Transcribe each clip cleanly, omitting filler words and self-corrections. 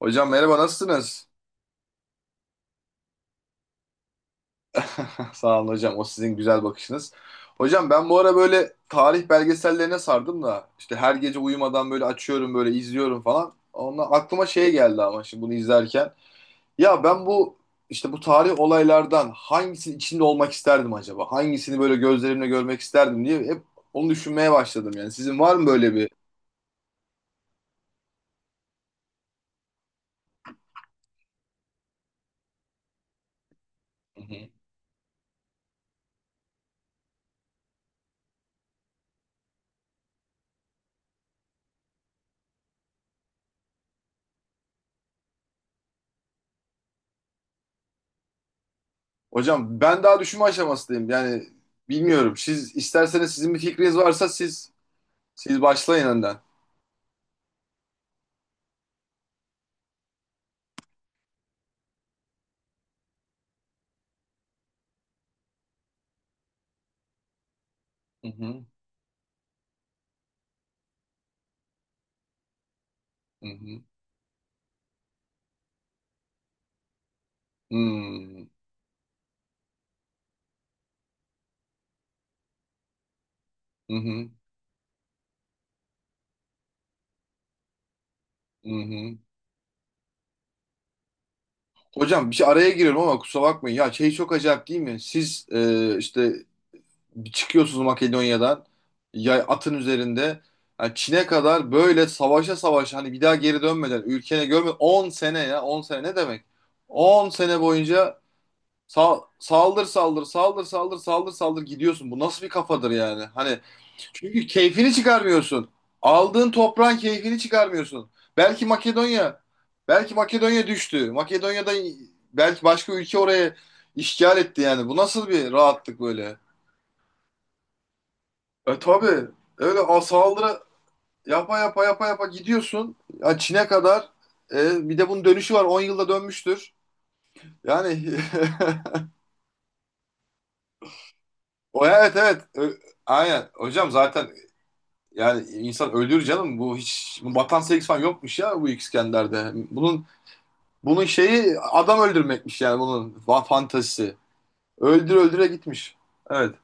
Hocam merhaba nasılsınız? Sağ olun hocam, o sizin güzel bakışınız. Hocam ben bu ara böyle tarih belgesellerine sardım da işte her gece uyumadan böyle açıyorum, böyle izliyorum falan. Ondan aklıma şey geldi ama şimdi bunu izlerken. Ya ben bu işte bu tarih olaylardan hangisinin içinde olmak isterdim acaba? Hangisini böyle gözlerimle görmek isterdim diye hep onu düşünmeye başladım yani. Sizin var mı böyle bir? Hı hı. Hocam ben daha düşünme aşamasındayım yani bilmiyorum. Siz isterseniz, sizin bir fikriniz varsa siz başlayın önden. Hı hı, hı hı, hmm, hı hı, hı hı. Hocam bir şey araya giriyorum ama kusura bakmayın. Ya şey, çok acayip değil mi? Siz işte çıkıyorsunuz Makedonya'dan, yay atın üzerinde, yani Çin'e kadar böyle savaşa savaşa, hani bir daha geri dönmeden, ülkene görmeden 10 sene, ya 10 sene ne demek? 10 sene boyunca saldır saldır saldır saldır saldır saldır gidiyorsun. Bu nasıl bir kafadır yani? Hani çünkü keyfini çıkarmıyorsun. Aldığın toprağın keyfini çıkarmıyorsun. Belki Makedonya, belki Makedonya düştü. Makedonya'da belki başka ülke oraya işgal etti yani. Bu nasıl bir rahatlık böyle? E tabii. Saldırı yapa yapa yapa yapa gidiyorsun. Ya Çin'e kadar. E, bir de bunun dönüşü var. 10 yılda dönmüştür. Yani o, evet evet. Aynen. Hocam zaten yani insan ölür canım. Bu hiç bu vatan sevgisi falan yokmuş ya, bu İskender'de. Bunun, bunun şeyi adam öldürmekmiş yani, fantazisi. Öldür öldüre gitmiş. Evet.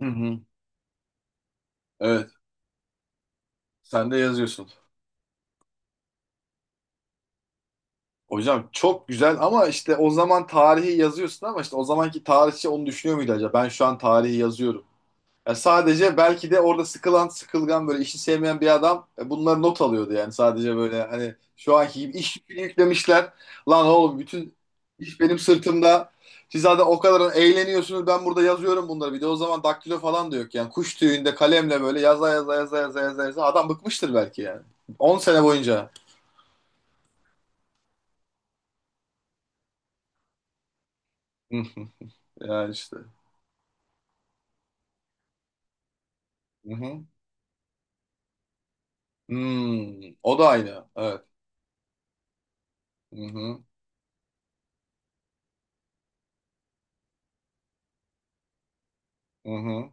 Hı hı. Evet. Sen de yazıyorsun. Hocam çok güzel ama işte o zaman tarihi yazıyorsun, ama işte o zamanki tarihçi onu düşünüyor muydu acaba? Ben şu an tarihi yazıyorum. Ya sadece belki de orada sıkılan, sıkılgan, böyle işi sevmeyen bir adam bunları not alıyordu yani, sadece böyle hani şu anki gibi iş yükünü yüklemişler. Lan oğlum bütün iş benim sırtımda. Siz zaten o kadar eğleniyorsunuz, ben burada yazıyorum bunları. Bir de o zaman daktilo falan da yok yani. Kuş tüyünde kalemle böyle yaza yaza yaza yaza yaza yaza. Adam bıkmıştır belki yani. 10 sene boyunca. Hı hı. Yani işte. Hı hı. Hmm. O da aynı. Evet. Hı hı. Hı hı.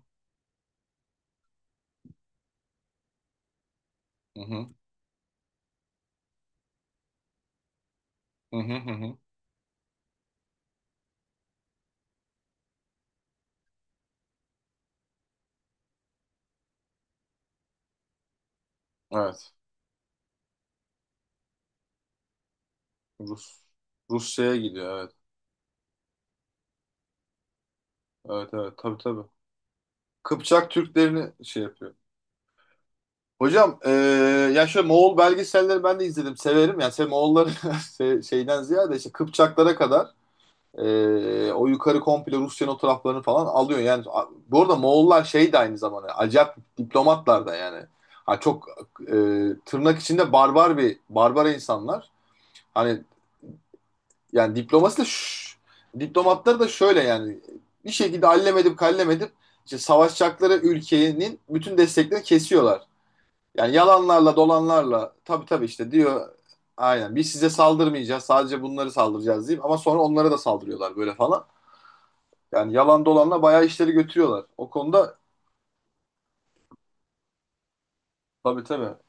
Hı hı. Hı hı. Hı hı. Evet. Rus Rusya'ya gidiyor, evet. Evet evet, tabii tabii. Kıpçak Türklerini şey yapıyor. Hocam ya şöyle, Moğol belgeselleri ben de izledim, severim. Yani Moğolları şeyden ziyade işte Kıpçaklara kadar, o yukarı komple Rusya'nın o taraflarını falan alıyor. Yani bu arada Moğollar şey de aynı zamanda acayip diplomatlar da yani. Ha, çok tırnak içinde barbar, bir barbara insanlar. Hani yani diplomasi de, diplomatları da şöyle yani, bir şekilde allemedim kallemedim işte savaşacakları ülkenin bütün desteklerini kesiyorlar. Yani yalanlarla dolanlarla, tabii tabii, işte diyor aynen biz size saldırmayacağız, sadece bunları saldıracağız diyeyim, ama sonra onlara da saldırıyorlar böyle falan. Yani yalan dolanla bayağı işleri götürüyorlar. O konuda tabii tabii.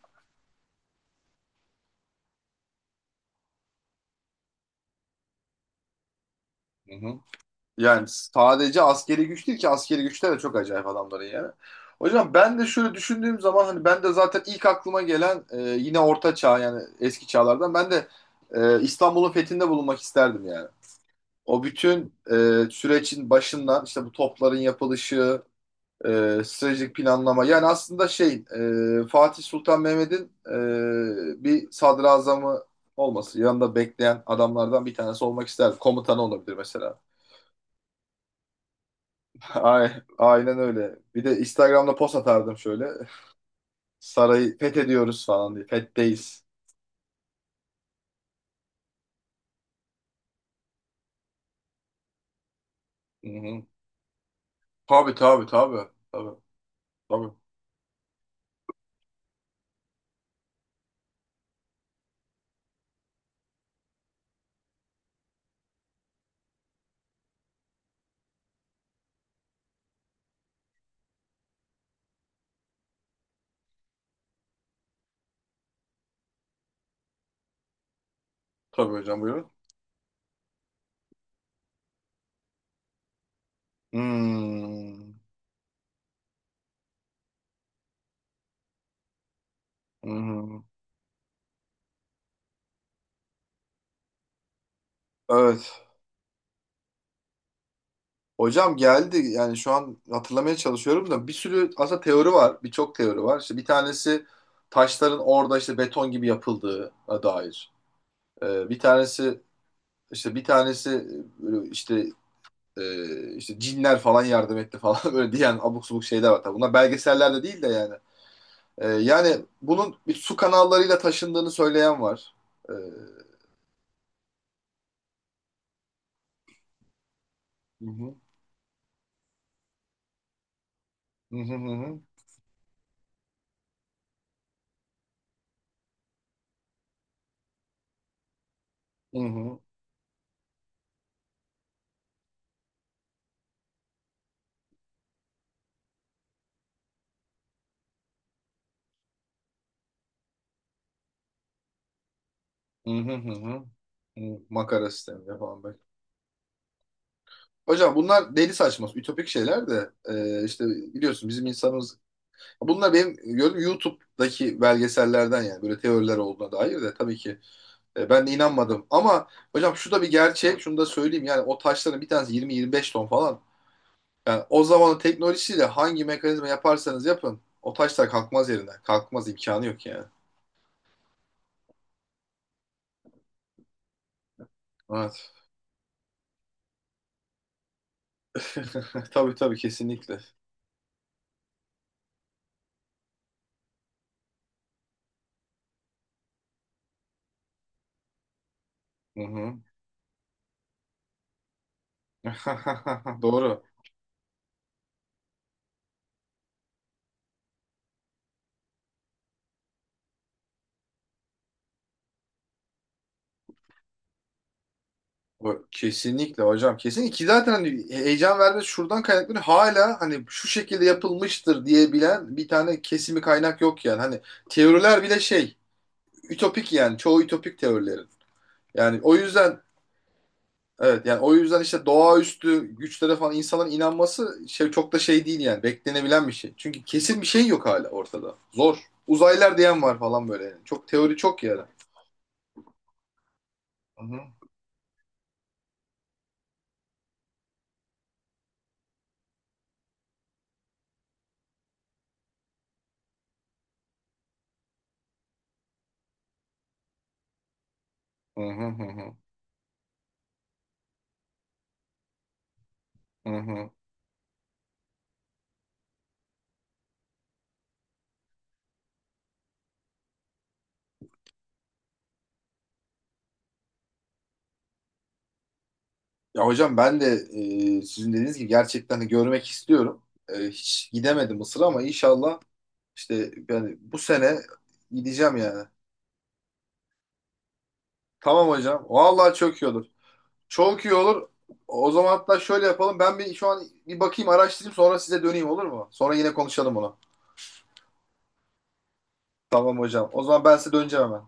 Hı hı. Yani sadece askeri güç değil ki, askeri güçler de çok acayip adamların yani. Hocam ben de şöyle düşündüğüm zaman, hani ben de zaten ilk aklıma gelen yine orta çağ, yani eski çağlardan ben de İstanbul'un fethinde bulunmak isterdim yani. O bütün sürecin başından işte, bu topların yapılışı, stratejik planlama, yani aslında şey, Fatih Sultan Mehmet'in bir sadrazamı olması, yanında bekleyen adamlardan bir tanesi olmak isterdim. Komutanı olabilir mesela. Ay- Aynen öyle. Bir de Instagram'da post atardım şöyle. Sarayı fethediyoruz falan diye. Fetteyiz. Hı hı. Tabii tabii tabii. Tabii tabii. Tabii hocam, buyurun. Hmm. Hı hı. Evet. Hocam geldi. Yani şu an hatırlamaya çalışıyorum da, bir sürü aslında teori var. Birçok teori var. İşte bir tanesi taşların orada işte beton gibi yapıldığına dair. Bir tanesi işte bir tanesi e, işte işte Cinler falan yardım etti falan böyle diyen abuk subuk şeyler var. Tabii bunlar belgesellerde değil de yani. Yani bunun bir su kanallarıyla taşındığını söyleyen var. Hı hı, hı hı, hı hı, hı hı, hı hı, hı hı, hı, makara sistemi falan bak. Hocam bunlar deli saçma, ütopik şeyler de işte biliyorsun bizim insanımız, bunlar benim gördüğüm YouTube'daki belgesellerden yani, böyle teoriler olduğuna dair de tabii ki. E, ben de inanmadım. Ama hocam şu da bir gerçek. Şunu da söyleyeyim. Yani o taşların bir tanesi 20-25 ton falan. Yani o zamanın teknolojisiyle hangi mekanizma yaparsanız yapın, o taşlar kalkmaz yerinden. Kalkmaz, imkanı yok yani. Evet. Tabii tabii, kesinlikle. Hı hı. Doğru. Kesinlikle hocam. Kesinlikle ki zaten hani heyecan vermesi şuradan kaynaklanıyor. Hala hani şu şekilde yapılmıştır diyebilen bir tane kesimi, kaynak yok yani. Hani teoriler bile ütopik yani. Çoğu ütopik teorilerin. Yani o yüzden evet, yani o yüzden işte doğaüstü güçlere falan insanların inanması şey, çok da şey değil yani, beklenebilen bir şey. Çünkü kesin bir şey yok hala ortada. Zor. Uzaylılar diyen var falan böyle yani. Çok teori çok yani. Hı hı. Hı hı hı hı. Hı hı. Ya hocam ben de sizin dediğiniz gibi gerçekten de görmek istiyorum. E, hiç gidemedim Mısır'a ama inşallah işte yani bu sene gideceğim yani. Tamam hocam. Vallahi çok iyi olur. Çok iyi olur. O zaman hatta şöyle yapalım. Ben bir şu an bir bakayım, araştırayım, sonra size döneyim, olur mu? Sonra yine konuşalım bunu. Tamam hocam. O zaman ben size döneceğim hemen.